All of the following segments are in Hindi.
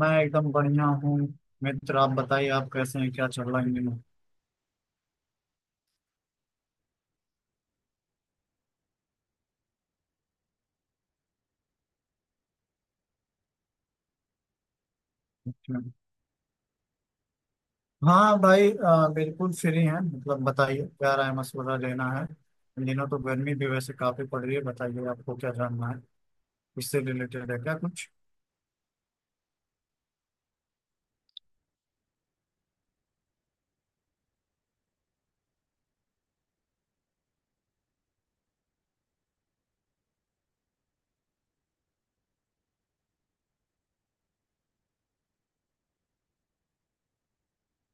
मैं एकदम बढ़िया हूँ। मित्र, आप बताइए, आप कैसे हैं? क्या चल रहा है इन दिनों? अच्छा। हाँ भाई, बिल्कुल फ्री हैं। मतलब बताइए, क्या राय मशवरा लेना है? इन दिनों तो गर्मी भी वैसे काफी पड़ रही है। बताइए, आपको क्या जानना है? इससे रिलेटेड है क्या कुछ?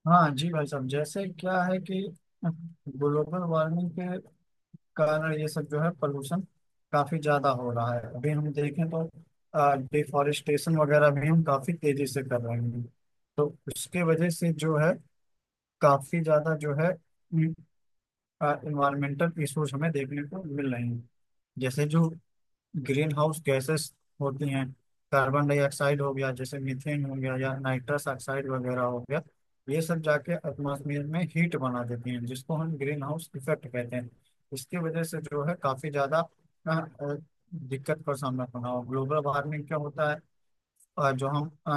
हाँ जी भाई साहब, जैसे क्या है कि ग्लोबल वार्मिंग के कारण ये सब जो है पोल्यूशन काफी ज्यादा हो रहा है। अभी हम देखें तो डिफॉरेस्टेशन वगैरह भी हम काफी तेजी से कर रहे हैं, तो उसके वजह से जो है काफी ज्यादा जो है इन्वायरमेंटल इश्यूज हमें देखने को मिल रहे हैं। जैसे जो ग्रीन हाउस गैसेस होती हैं, कार्बन डाइऑक्साइड हो गया, जैसे मीथेन हो गया या नाइट्रस ऑक्साइड वगैरह हो गया, ये सब जाके एटमॉस्फेयर में हीट बना देती हैं जिसको हम ग्रीन हाउस इफेक्ट कहते हैं। इसकी वजह से जो है काफी ज्यादा दिक्कत का सामना करना हो, ग्लोबल वार्मिंग क्या होता है। जो हम अ,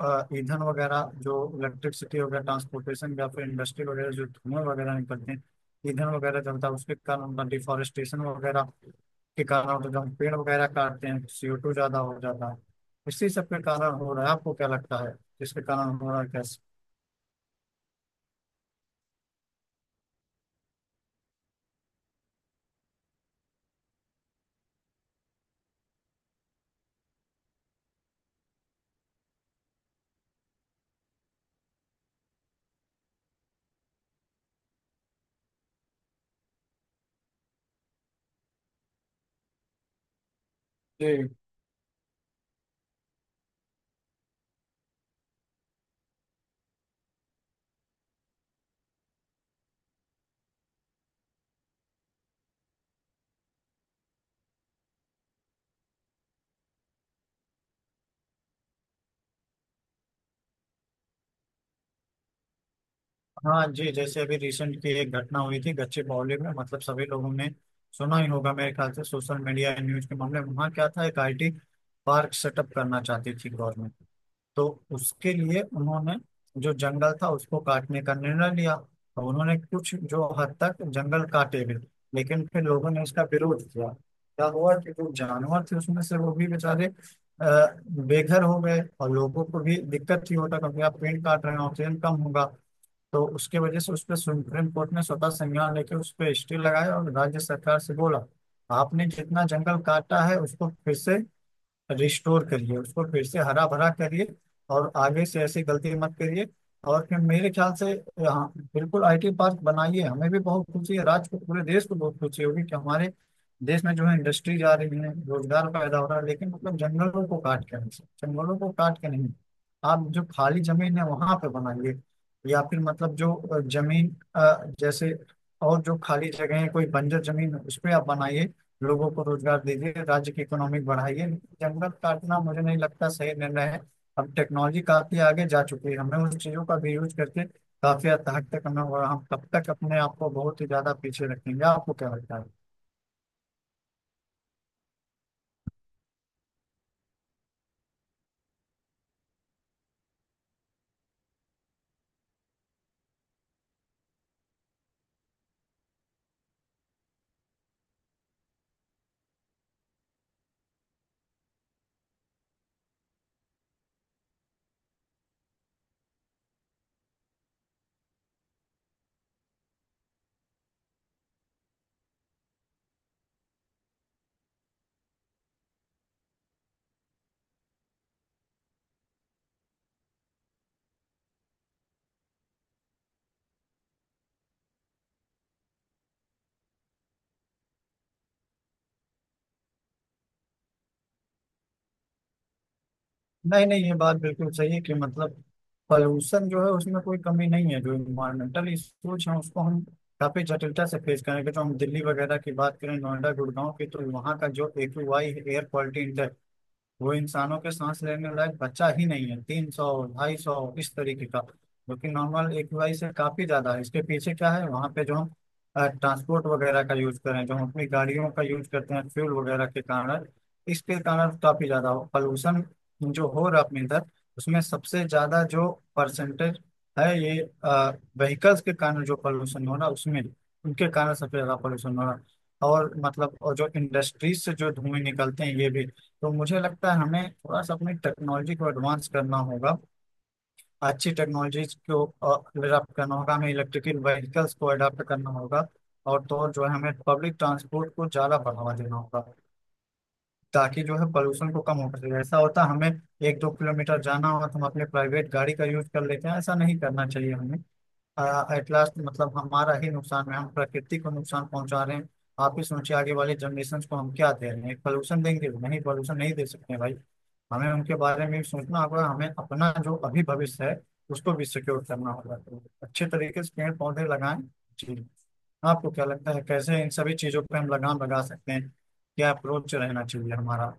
अ, ईंधन वगैरह जो इलेक्ट्रिसिटी वगैरह ट्रांसपोर्टेशन या फिर इंडस्ट्री वगैरह जो धुएं वगैरह निकलते हैं, ईंधन वगैरह जलता है उसके कारण, उनका डिफॉरेस्टेशन वगैरह के कारण होता है। जब हम पेड़ वगैरह काटते हैं CO2 ज्यादा हो जाता है। इसी सब के कारण हो रहा है। आपको क्या लगता है, जिसके कारण हो रहा है, कैसे? जी हाँ जी, जैसे अभी रिसेंट की एक घटना हुई थी गच्चीबौली में, मतलब सभी लोगों ने सुना ही होगा मेरे ख्याल से, सोशल मीडिया न्यूज के मामले में। वहाँ क्या था, एक IT पार्क सेटअप करना चाहती थी गवर्नमेंट, तो उसके लिए उन्होंने जो जंगल था उसको काटने का निर्णय लिया, और उन्होंने कुछ जो हद तक जंगल काटे भी, लेकिन फिर लोगों ने इसका विरोध किया। क्या हुआ कि जो जानवर थे उसमें से वो भी बेचारे बेघर हो गए, और लोगों को भी दिक्कत ही होता, क्योंकि आप पेड़ काट रहे हैं, ऑक्सीजन कम होगा। तो उसके वजह से उस पर सुप्रीम कोर्ट ने स्वतः संज्ञान लेके उस पर स्टे लगाया और राज्य सरकार से बोला, आपने जितना जंगल काटा है उसको फिर से रिस्टोर करिए, उसको फिर से हरा भरा करिए, और आगे से ऐसी गलती मत करिए। और फिर मेरे ख्याल से, हाँ बिल्कुल आईटी पार्क बनाइए, हमें भी बहुत खुशी है, राज्य को पूरे देश को बहुत खुशी होगी कि हमारे देश में जो है इंडस्ट्री जा रही है, रोजगार पैदा हो रहा है, लेकिन मतलब जंगलों को काट के नहीं, जंगलों को काट के नहीं। आप जो खाली जमीन है वहां पे बनाइए, या फिर मतलब जो जमीन जैसे, और जो खाली जगह है कोई बंजर जमीन है उस पर आप बनाइए, लोगों को रोजगार दीजिए, राज्य की इकोनॉमिक बढ़ाइए, लेकिन जंगल काटना मुझे नहीं लगता सही निर्णय है। अब टेक्नोलॉजी काफी आगे जा चुकी है, हमें उस चीजों का भी यूज करके काफी हद हद तक हमें, और हम तब तक अपने आप को बहुत ही ज्यादा पीछे रखेंगे। आपको क्या लगता है? नहीं नहीं, ये बात बिल्कुल सही है कि मतलब पॉल्यूशन जो है उसमें कोई कमी नहीं है। जो इन्वायरमेंटल इश्यूज हैं उसको हम काफी जटिलता से फेस करेंगे। जो हम दिल्ली वगैरह की बात करें, नोएडा, गुड़गांव की, तो वहाँ का जो AQI एयर क्वालिटी, वो इंसानों के सांस लेने लायक बच्चा ही नहीं है, 300, 250, इस तरीके का, जो कि नॉर्मल एक वाई से काफी ज्यादा है। इसके पीछे क्या है, वहाँ पे जो हम ट्रांसपोर्ट वगैरह का यूज करें, जो हम अपनी गाड़ियों का यूज करते हैं, फ्यूल वगैरह के कारण, इसके कारण काफी ज्यादा पॉल्यूशन जो हो रहा है अपने इधर, उसमें सबसे ज्यादा जो परसेंटेज है, ये व्हीकल्स के कारण जो पॉल्यूशन हो रहा है, उसमें उनके कारण सबसे ज्यादा पॉल्यूशन हो रहा है। और मतलब, और जो इंडस्ट्रीज से जो धुएं निकलते हैं, ये भी। तो मुझे लगता है हमें थोड़ा सा अपनी टेक्नोलॉजी को एडवांस करना होगा, अच्छी टेक्नोलॉजीज को अडॉप्ट करना होगा, हमें इलेक्ट्रिकल व्हीकल्स को अडॉप्ट करना होगा, और तो और जो है, हमें पब्लिक ट्रांसपोर्ट को ज़्यादा बढ़ावा देना होगा ताकि जो है पोल्यूशन को कम हो सके। ऐसा होता है हमें एक दो किलोमीटर जाना हो तो हम अपने प्राइवेट गाड़ी का यूज कर लेते हैं, ऐसा नहीं करना चाहिए हमें। एट लास्ट, मतलब हमारा ही नुकसान है, हम प्रकृति को नुकसान पहुंचा रहे हैं। आप ही सोचिए, आगे वाले जनरेशन को हम क्या दे रहे हैं? पोल्यूशन देंगे? नहीं, पोल्यूशन नहीं दे सकते हैं भाई। हमें उनके बारे में भी सोचना होगा, हमें अपना जो अभी भविष्य है उसको भी सिक्योर करना होगा, तो अच्छे तरीके से पेड़ पौधे लगाएं। जी। आपको क्या लगता है, कैसे इन सभी चीजों पर हम लगाम लगा सकते हैं? क्या अप्रोच रहना चाहिए हमारा?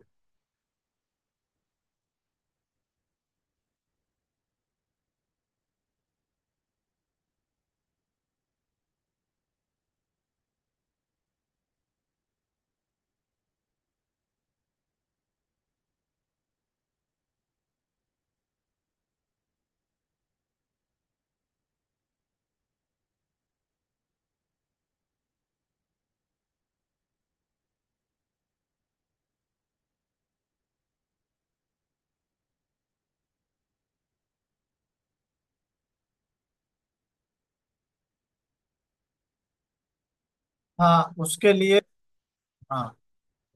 हाँ उसके लिए हाँ,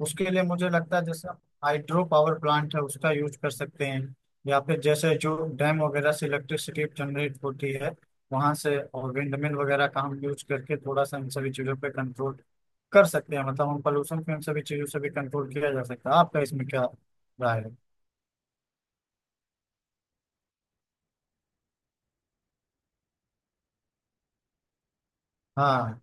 उसके लिए मुझे लगता है, जैसे हाइड्रो पावर प्लांट है उसका यूज कर सकते हैं, या फिर जैसे जो डैम वगैरह से इलेक्ट्रिसिटी जनरेट होती है वहां से, और विंडमिल वगैरह का हम यूज करके थोड़ा सा इन सभी चीजों पे कंट्रोल कर सकते हैं। मतलब हम पोल्यूशन पे इन सभी चीजों से भी कंट्रोल किया जा सकता है। आपका इसमें क्या राय है? हाँ।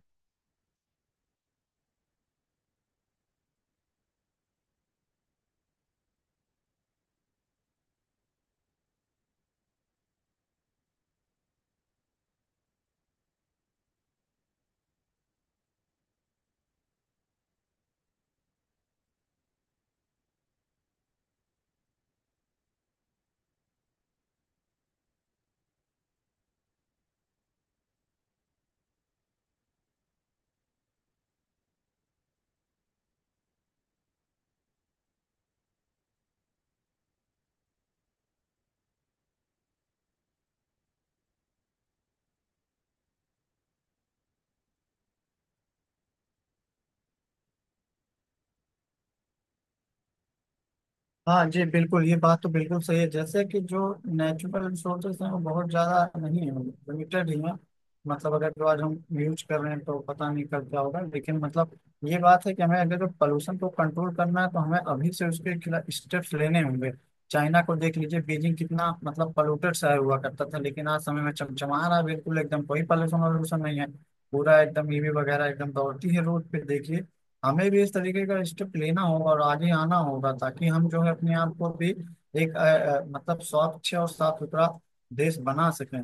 हाँ जी बिल्कुल, ये बात तो बिल्कुल सही है, जैसे कि जो नेचुरल रिसोर्सेज हैं वो बहुत ज़्यादा नहीं है, लिमिटेड ही हैं। मतलब अगर जो आज हम यूज कर रहे हैं तो पता नहीं कब क्या होगा, लेकिन मतलब ये बात है कि हमें अगर जो पोल्यूशन को कंट्रोल करना है तो हमें अभी से उसके खिलाफ स्टेप्स लेने होंगे। चाइना को देख लीजिए, बीजिंग कितना मतलब पोल्यूटेड शहर हुआ करता था, लेकिन आज समय में चमचमा रहा है, बिल्कुल एकदम कोई पोल्यूशन वोल्यूशन नहीं है। पूरा एकदम EV वगैरह एकदम दौड़ती है रोड पे, देखिए। हमें भी इस तरीके का स्टेप लेना होगा और आगे आना होगा ताकि हम जो है अपने आप को भी एक मतलब स्वच्छ और साफ सुथरा देश बना सकें।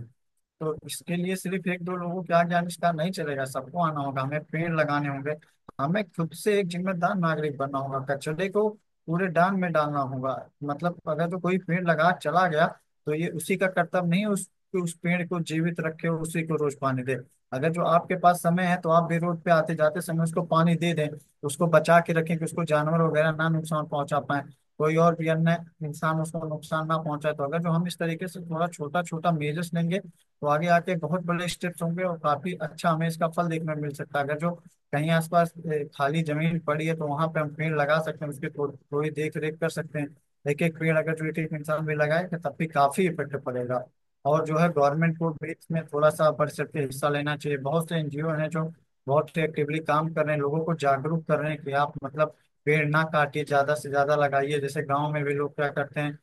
तो इसके लिए सिर्फ एक दो लोगों के आगे आविष्कार नहीं चलेगा, सबको आना होगा, हमें पेड़ लगाने होंगे, हमें खुद से एक जिम्मेदार नागरिक बनना होगा, कचरे को पूरे डांग में डालना होगा। मतलब अगर तो कोई पेड़ लगा चला गया तो ये उसी का कर्तव्य नहीं है, उस पेड़ को जीवित रखे, उसी को रोज पानी दे। अगर जो आपके पास समय है तो आप भी रोड पे आते जाते समय उसको पानी दे दें, उसको बचा के रखें कि उसको जानवर वगैरह ना नुकसान पहुंचा पाए, कोई और भी अन्य इंसान उसको नुकसान ना पहुंचाए। तो अगर जो हम इस तरीके से थोड़ा छोटा छोटा मेजर्स लेंगे तो आगे आके बहुत बड़े स्टेप्स होंगे और काफी अच्छा हमें इसका फल देखने को मिल सकता है। अगर जो कहीं आसपास खाली जमीन पड़ी है तो वहां पे हम पेड़ लगा सकते हैं, उसकी थोड़ी देख रेख कर सकते हैं। एक एक पेड़ अगर जो एक एक इंसान भी लगाएगा तब भी काफी इफेक्ट पड़ेगा। और जो है गवर्नमेंट को भी इसमें थोड़ा सा बढ़ सकते हिस्सा लेना चाहिए। बहुत से NGO हैं जो बहुत एक्टिवली काम कर रहे हैं, लोगों को जागरूक कर रहे हैं कि आप मतलब पेड़ ना काटिए, ज्यादा से ज्यादा लगाइए। जैसे गांव में भी लोग क्या करते हैं,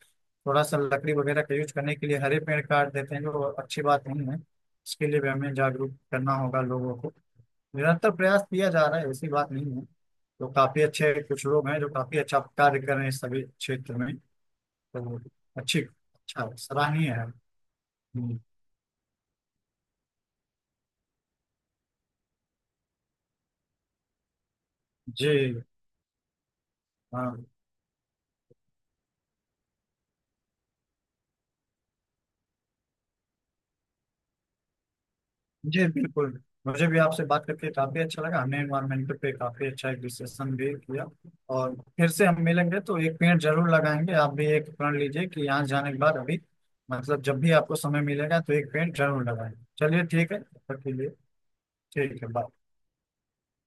थोड़ा सा लकड़ी वगैरह का यूज करने के लिए हरे पेड़ काट देते हैं, जो अच्छी बात नहीं है। इसके लिए भी हमें जागरूक करना होगा लोगों को। निरंतर प्रयास किया जा रहा है, ऐसी बात नहीं है, तो काफी अच्छे कुछ लोग हैं जो काफी अच्छा कार्य कर रहे हैं इस सभी क्षेत्र में। तो अच्छी, अच्छा सराहनीय है। हम्म, जी। हाँ जी बिल्कुल, मुझे भी आपसे बात करके काफी अच्छा लगा, हमने एनवायरमेंट पे काफी अच्छा एक डिस्कशन भी किया, और फिर से हम मिलेंगे तो एक पेड़ जरूर लगाएंगे। आप भी एक प्रण लीजिए कि यहाँ जाने के बाद अभी मतलब जब भी आपको समय मिलेगा तो एक पेड़ जरूर लगाएंगे। चलिए ठीक है, तब तक के लिए ठीक है, बाय।